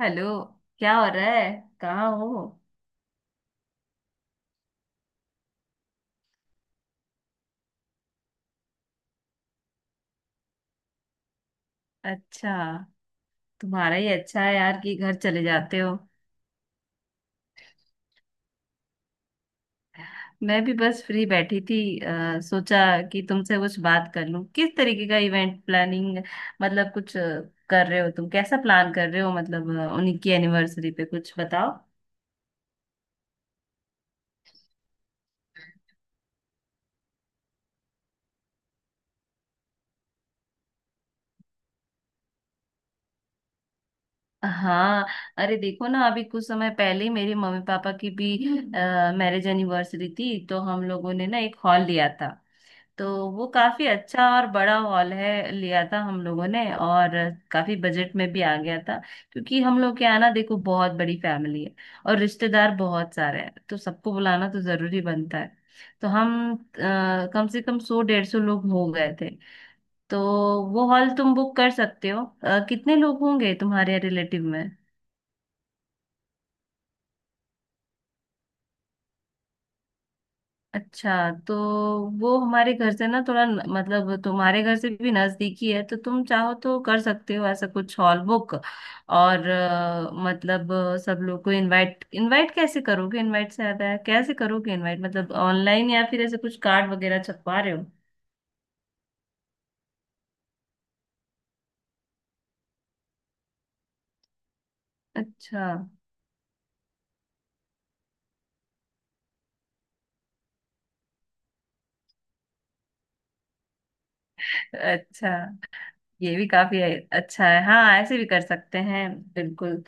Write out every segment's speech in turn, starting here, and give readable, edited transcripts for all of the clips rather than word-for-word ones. Hello. क्या हो रहा है? कहाँ हो? अच्छा। तुम्हारा ही अच्छा है यार कि घर चले जाते हो। मैं भी बस फ्री बैठी थी, सोचा कि तुमसे कुछ बात कर लूं किस तरीके का इवेंट प्लानिंग मतलब कुछ कर रहे हो तुम। कैसा प्लान कर रहे हो, मतलब उनकी एनिवर्सरी पे कुछ बताओ। हाँ, अरे देखो ना, अभी कुछ समय पहले ही मेरे मम्मी पापा की भी मैरिज एनिवर्सरी थी, तो हम लोगों ने ना एक हॉल लिया था। तो वो काफी अच्छा और बड़ा हॉल है, लिया था हम लोगों ने, और काफी बजट में भी आ गया था। क्योंकि हम लोग के यहाँ ना देखो बहुत बड़ी फैमिली है, और रिश्तेदार बहुत सारे हैं, तो सबको बुलाना तो जरूरी बनता है। तो हम कम से कम सौ 150 लोग हो गए थे। तो वो हॉल तुम बुक कर सकते हो। कितने लोग होंगे तुम्हारे रिलेटिव में? अच्छा, तो वो हमारे घर से ना थोड़ा मतलब तुम्हारे घर से भी नजदीकी है, तो तुम चाहो तो कर सकते हो ऐसा कुछ हॉल बुक। और मतलब सब लोग को इनवाइट इनवाइट कैसे करोगे, इनवाइट से ज्यादा है कैसे करोगे इनवाइट, मतलब ऑनलाइन या फिर ऐसे कुछ कार्ड वगैरह छपवा रहे हो? अच्छा। अच्छा, ये भी काफी अच्छा है। हाँ, ऐसे भी कर सकते हैं, बिल्कुल।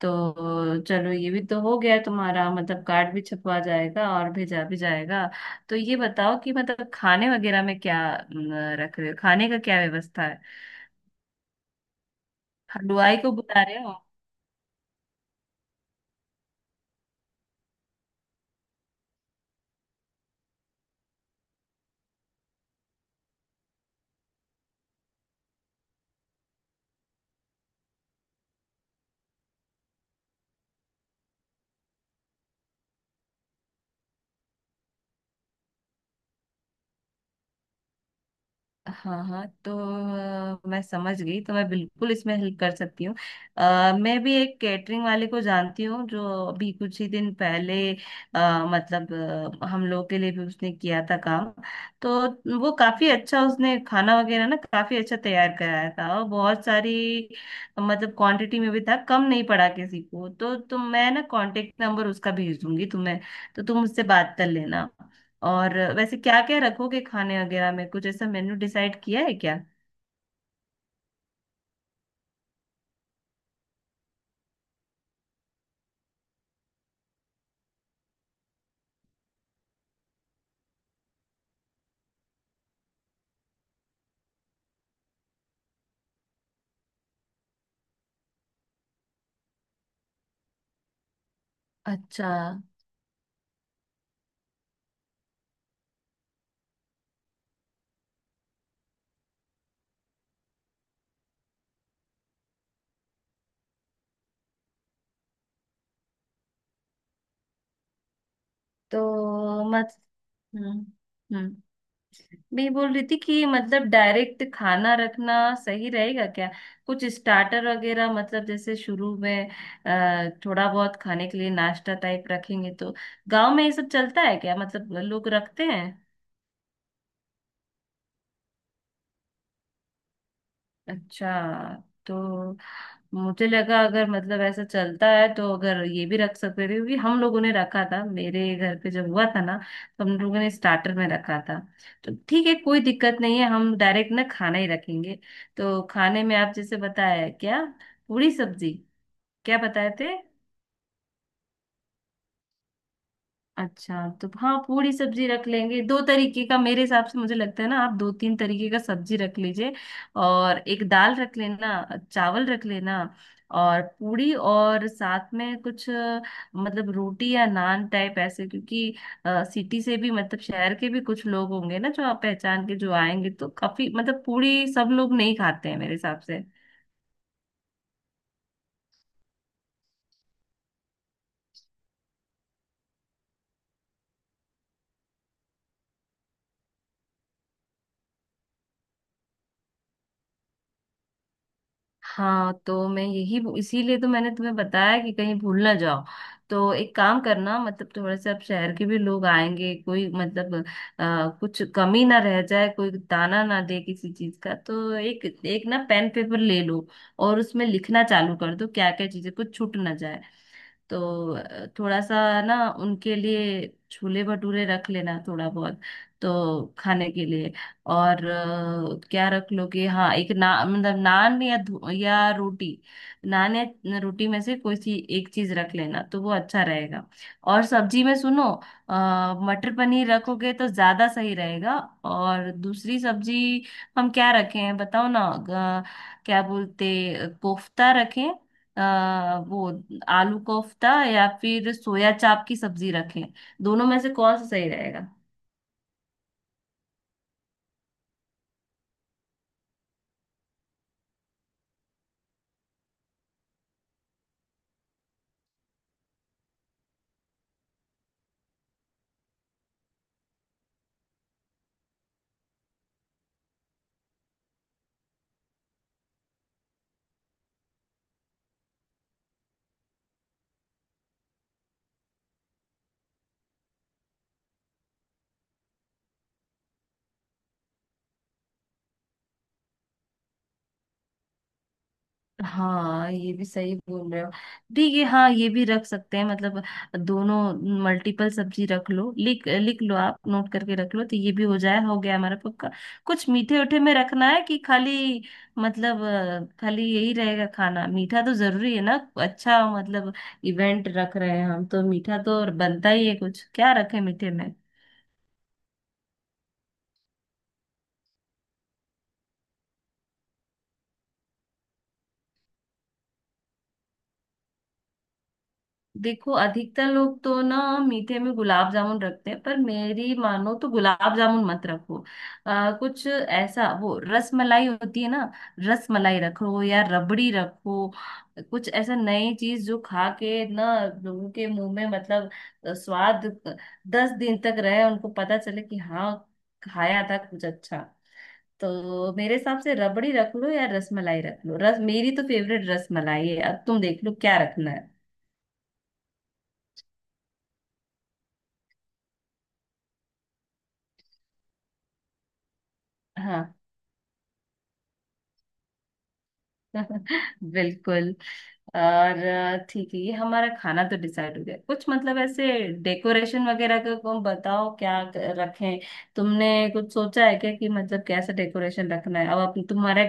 तो चलो ये भी तो हो गया तुम्हारा, मतलब कार्ड भी छपवा जाएगा और भेजा भी जाएगा। तो ये बताओ कि मतलब खाने वगैरह में क्या रख रहे हो, खाने का क्या व्यवस्था है? हलवाई को बुला रहे हो? हाँ हाँ, तो मैं समझ गई, तो मैं बिल्कुल इसमें हेल्प कर सकती हूँ। मैं भी एक कैटरिंग वाले को जानती हूँ, जो अभी कुछ ही दिन पहले मतलब हम लोग के लिए भी उसने किया था काम। तो वो काफी अच्छा, उसने खाना वगैरह ना काफी अच्छा तैयार कराया था, और बहुत सारी मतलब क्वांटिटी में भी था, कम नहीं पड़ा किसी को। तो तुम, मैं ना कांटेक्ट नंबर उसका भेज दूंगी तुम्हें, तो तुम उससे बात कर लेना। और वैसे क्या क्या रखोगे खाने वगैरह में, कुछ ऐसा मेन्यू डिसाइड किया है क्या? अच्छा। तो मत, हम्म, हम्म। मैं ये बोल रही थी कि मतलब डायरेक्ट खाना रखना सही रहेगा क्या? कुछ स्टार्टर वगैरह, मतलब जैसे शुरू में थोड़ा बहुत खाने के लिए नाश्ता टाइप रखेंगे तो। गांव में ये सब चलता है क्या, मतलब लोग रखते हैं? अच्छा, तो मुझे लगा अगर मतलब ऐसा चलता है, तो अगर ये भी रख सकते थे, क्योंकि हम लोगों ने रखा था मेरे घर पे जब हुआ था ना। तो हम लोगों ने स्टार्टर में रखा था। तो ठीक है, कोई दिक्कत नहीं है, हम डायरेक्ट ना खाना ही रखेंगे। तो खाने में आप जैसे बताया क्या, पूरी सब्जी, क्या बताए थे? अच्छा, तो हाँ पूरी सब्जी रख लेंगे दो तरीके का। मेरे हिसाब से मुझे लगता है ना, आप दो तीन तरीके का सब्जी रख लीजिए। और एक दाल रख लेना, चावल रख लेना, और पूरी, और साथ में कुछ मतलब रोटी या नान टाइप ऐसे। क्योंकि सिटी से भी, मतलब शहर के भी कुछ लोग होंगे ना जो आप पहचान के जो आएंगे, तो काफी मतलब पूरी सब लोग नहीं खाते हैं मेरे हिसाब से। हाँ, तो मैं यही, इसीलिए तो मैंने तुम्हें बताया कि कहीं भूल ना जाओ। तो एक काम करना, मतलब थोड़े से अब शहर के भी लोग आएंगे, कोई मतलब कुछ कमी ना रह जाए, कोई ताना ना दे किसी चीज का, तो एक एक ना पेन पेपर ले लो, और उसमें लिखना चालू कर दो क्या क्या चीजें, कुछ छूट ना जाए। तो थोड़ा सा ना उनके लिए छोले भटूरे रख लेना थोड़ा बहुत, तो खाने के लिए। और क्या रख लोगे, हाँ एक ना मतलब नान या या रोटी। नान या रोटी में से कोई सी एक चीज रख लेना, तो वो अच्छा रहेगा। और सब्जी में सुनो अ, मटर पनीर रखोगे तो ज्यादा सही रहेगा। और दूसरी सब्जी हम क्या रखें, बताओ ना क्या बोलते, कोफ्ता रखें? वो आलू कोफ्ता या फिर सोया चाप की सब्जी रखें? दोनों में से कौन सा सही रहेगा? हाँ, ये भी सही बोल रहे हो, ठीक है, हाँ ये भी रख सकते हैं मतलब दोनों। मल्टीपल सब्जी रख लो, लिख लिख लो, आप नोट करके रख लो, तो ये भी हो जाए, हो गया हमारा पक्का। कुछ मीठे उठे में रखना है कि खाली, मतलब खाली यही रहेगा खाना? मीठा तो जरूरी है ना। अच्छा, मतलब इवेंट रख रहे हैं हम तो मीठा तो और बनता ही है, कुछ क्या रखें मीठे में? देखो अधिकतर लोग तो ना मीठे में गुलाब जामुन रखते हैं, पर मेरी मानो तो गुलाब जामुन मत रखो। कुछ ऐसा, वो रस मलाई होती है ना, रस मलाई रखो या रबड़ी रखो। कुछ ऐसा नई चीज जो खा के ना लोगों के मुंह में, मतलब स्वाद 10 दिन तक रहे, उनको पता चले कि हाँ खाया था कुछ अच्छा। तो मेरे हिसाब से रबड़ी रख लो या रस मलाई रख लो, रस मेरी तो फेवरेट रस मलाई है, अब तुम देख लो क्या रखना है। हाँ बिल्कुल। और ठीक है, ये हमारा खाना तो डिसाइड हो गया कुछ मतलब ऐसे। डेकोरेशन वगैरह का को बताओ क्या रखें। तुमने कुछ सोचा है क्या कि मतलब कैसा डेकोरेशन रखना है? अब अपन तुम्हारे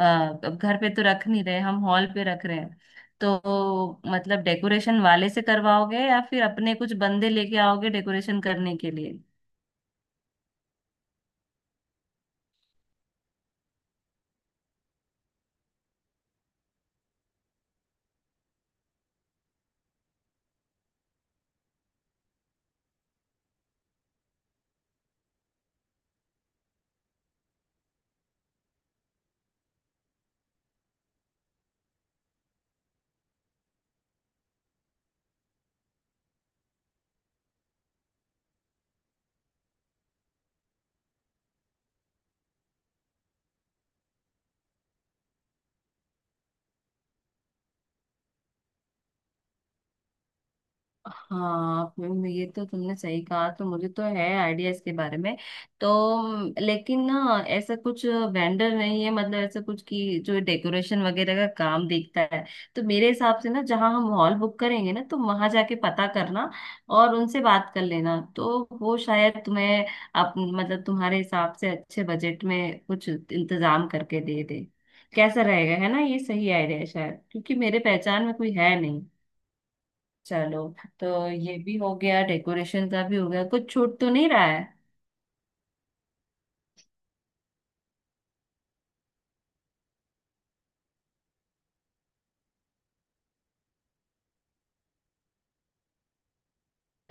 अ, अब घर पे तो रख नहीं रहे, हम हॉल पे रख रहे हैं। तो मतलब डेकोरेशन वाले से करवाओगे या फिर अपने कुछ बंदे लेके आओगे डेकोरेशन करने के लिए? हाँ फिल्म, ये तो तुमने सही कहा, तो मुझे तो है आइडिया इसके बारे में। तो लेकिन ना ऐसा कुछ वेंडर नहीं है, मतलब ऐसा कुछ कि जो डेकोरेशन वगैरह का काम देखता है। तो मेरे हिसाब से ना जहाँ हम हॉल बुक करेंगे ना, तो वहां जाके पता करना और उनसे बात कर लेना, तो वो शायद तुम्हें मतलब तुम्हारे हिसाब से अच्छे बजट में कुछ इंतजाम करके दे दे। कैसा रहेगा, है ना, ये सही आइडिया है शायद, क्योंकि मेरे पहचान में कोई है। चलो, तो ये भी हो गया, डेकोरेशन का भी हो गया, कुछ छूट तो नहीं रहा है?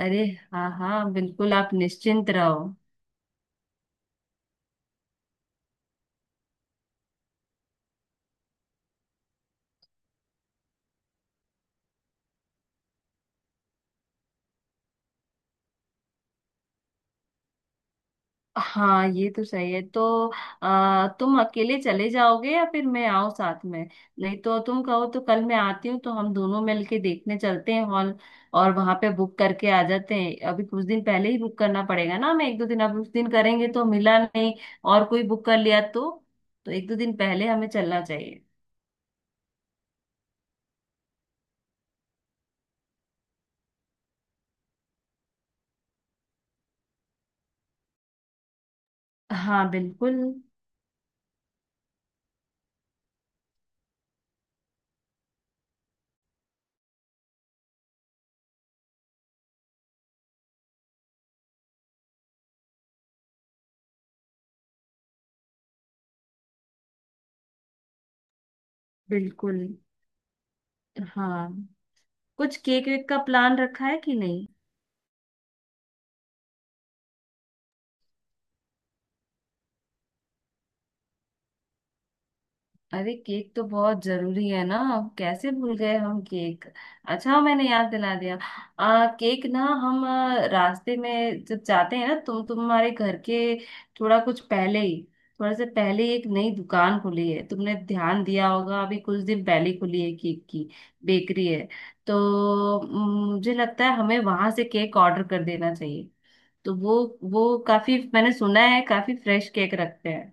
अरे, हाँ हाँ बिल्कुल, आप निश्चिंत रहो। हाँ, ये तो सही है, तो तुम अकेले चले जाओगे या फिर मैं आऊँ साथ में? नहीं, तो तुम कहो तो कल मैं आती हूँ, तो हम दोनों मिलके देखने चलते हैं हॉल, और वहां पे बुक करके आ जाते हैं। अभी कुछ दिन पहले ही बुक करना पड़ेगा ना हमें, एक दो दिन। अब उस दिन करेंगे तो मिला नहीं, और कोई बुक कर लिया तो एक दो दिन पहले हमें चलना चाहिए। हाँ बिल्कुल। बिल्कुल हाँ। कुछ केक वेक का प्लान रखा है कि नहीं? अरे केक तो बहुत जरूरी है ना, अब कैसे भूल गए हम केक, अच्छा मैंने याद दिला दिया। केक ना हम रास्ते में जब जाते हैं ना तुम तुम्हारे घर के थोड़ा कुछ पहले ही, थोड़ा से पहले ही एक नई दुकान खुली है, तुमने ध्यान दिया होगा, अभी कुछ दिन पहले ही खुली है, केक की बेकरी है। तो मुझे लगता है हमें वहां से केक ऑर्डर कर देना चाहिए। तो वो काफी, मैंने सुना है काफी फ्रेश केक रखते हैं।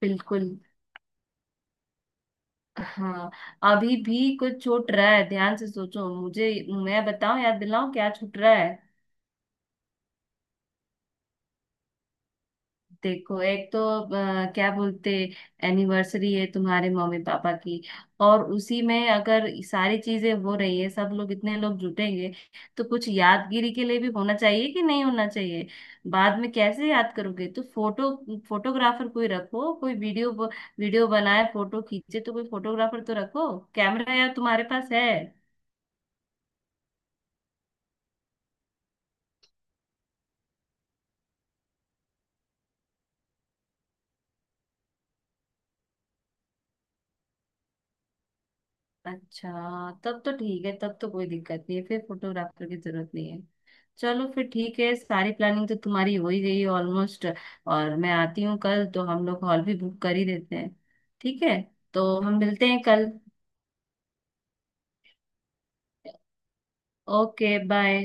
बिल्कुल। हाँ। अभी भी कुछ छूट रहा है, ध्यान से सोचो, मुझे मैं बताऊं, याद दिलाऊं क्या छूट रहा है? देखो, एक तो क्या बोलते, एनिवर्सरी है तुम्हारे मम्मी पापा की, और उसी में अगर सारी चीजें हो रही है, सब लोग इतने लोग जुटेंगे, तो कुछ यादगिरी के लिए भी होना चाहिए कि नहीं होना चाहिए? बाद में कैसे याद करोगे, तो फोटो, फोटोग्राफर कोई रखो, कोई वीडियो, वीडियो बनाए, फोटो खींचे, तो कोई फोटोग्राफर तो रखो। कैमरा यार तुम्हारे पास है? अच्छा, तब तो ठीक है, तब तो कोई दिक्कत नहीं है, फिर फोटोग्राफर की जरूरत नहीं है। चलो फिर ठीक है, सारी प्लानिंग तो तुम्हारी हो ही गई है ऑलमोस्ट, और मैं आती हूँ कल, तो हम लोग हॉल भी बुक कर ही देते हैं। ठीक है, तो हम मिलते हैं कल। Okay bye.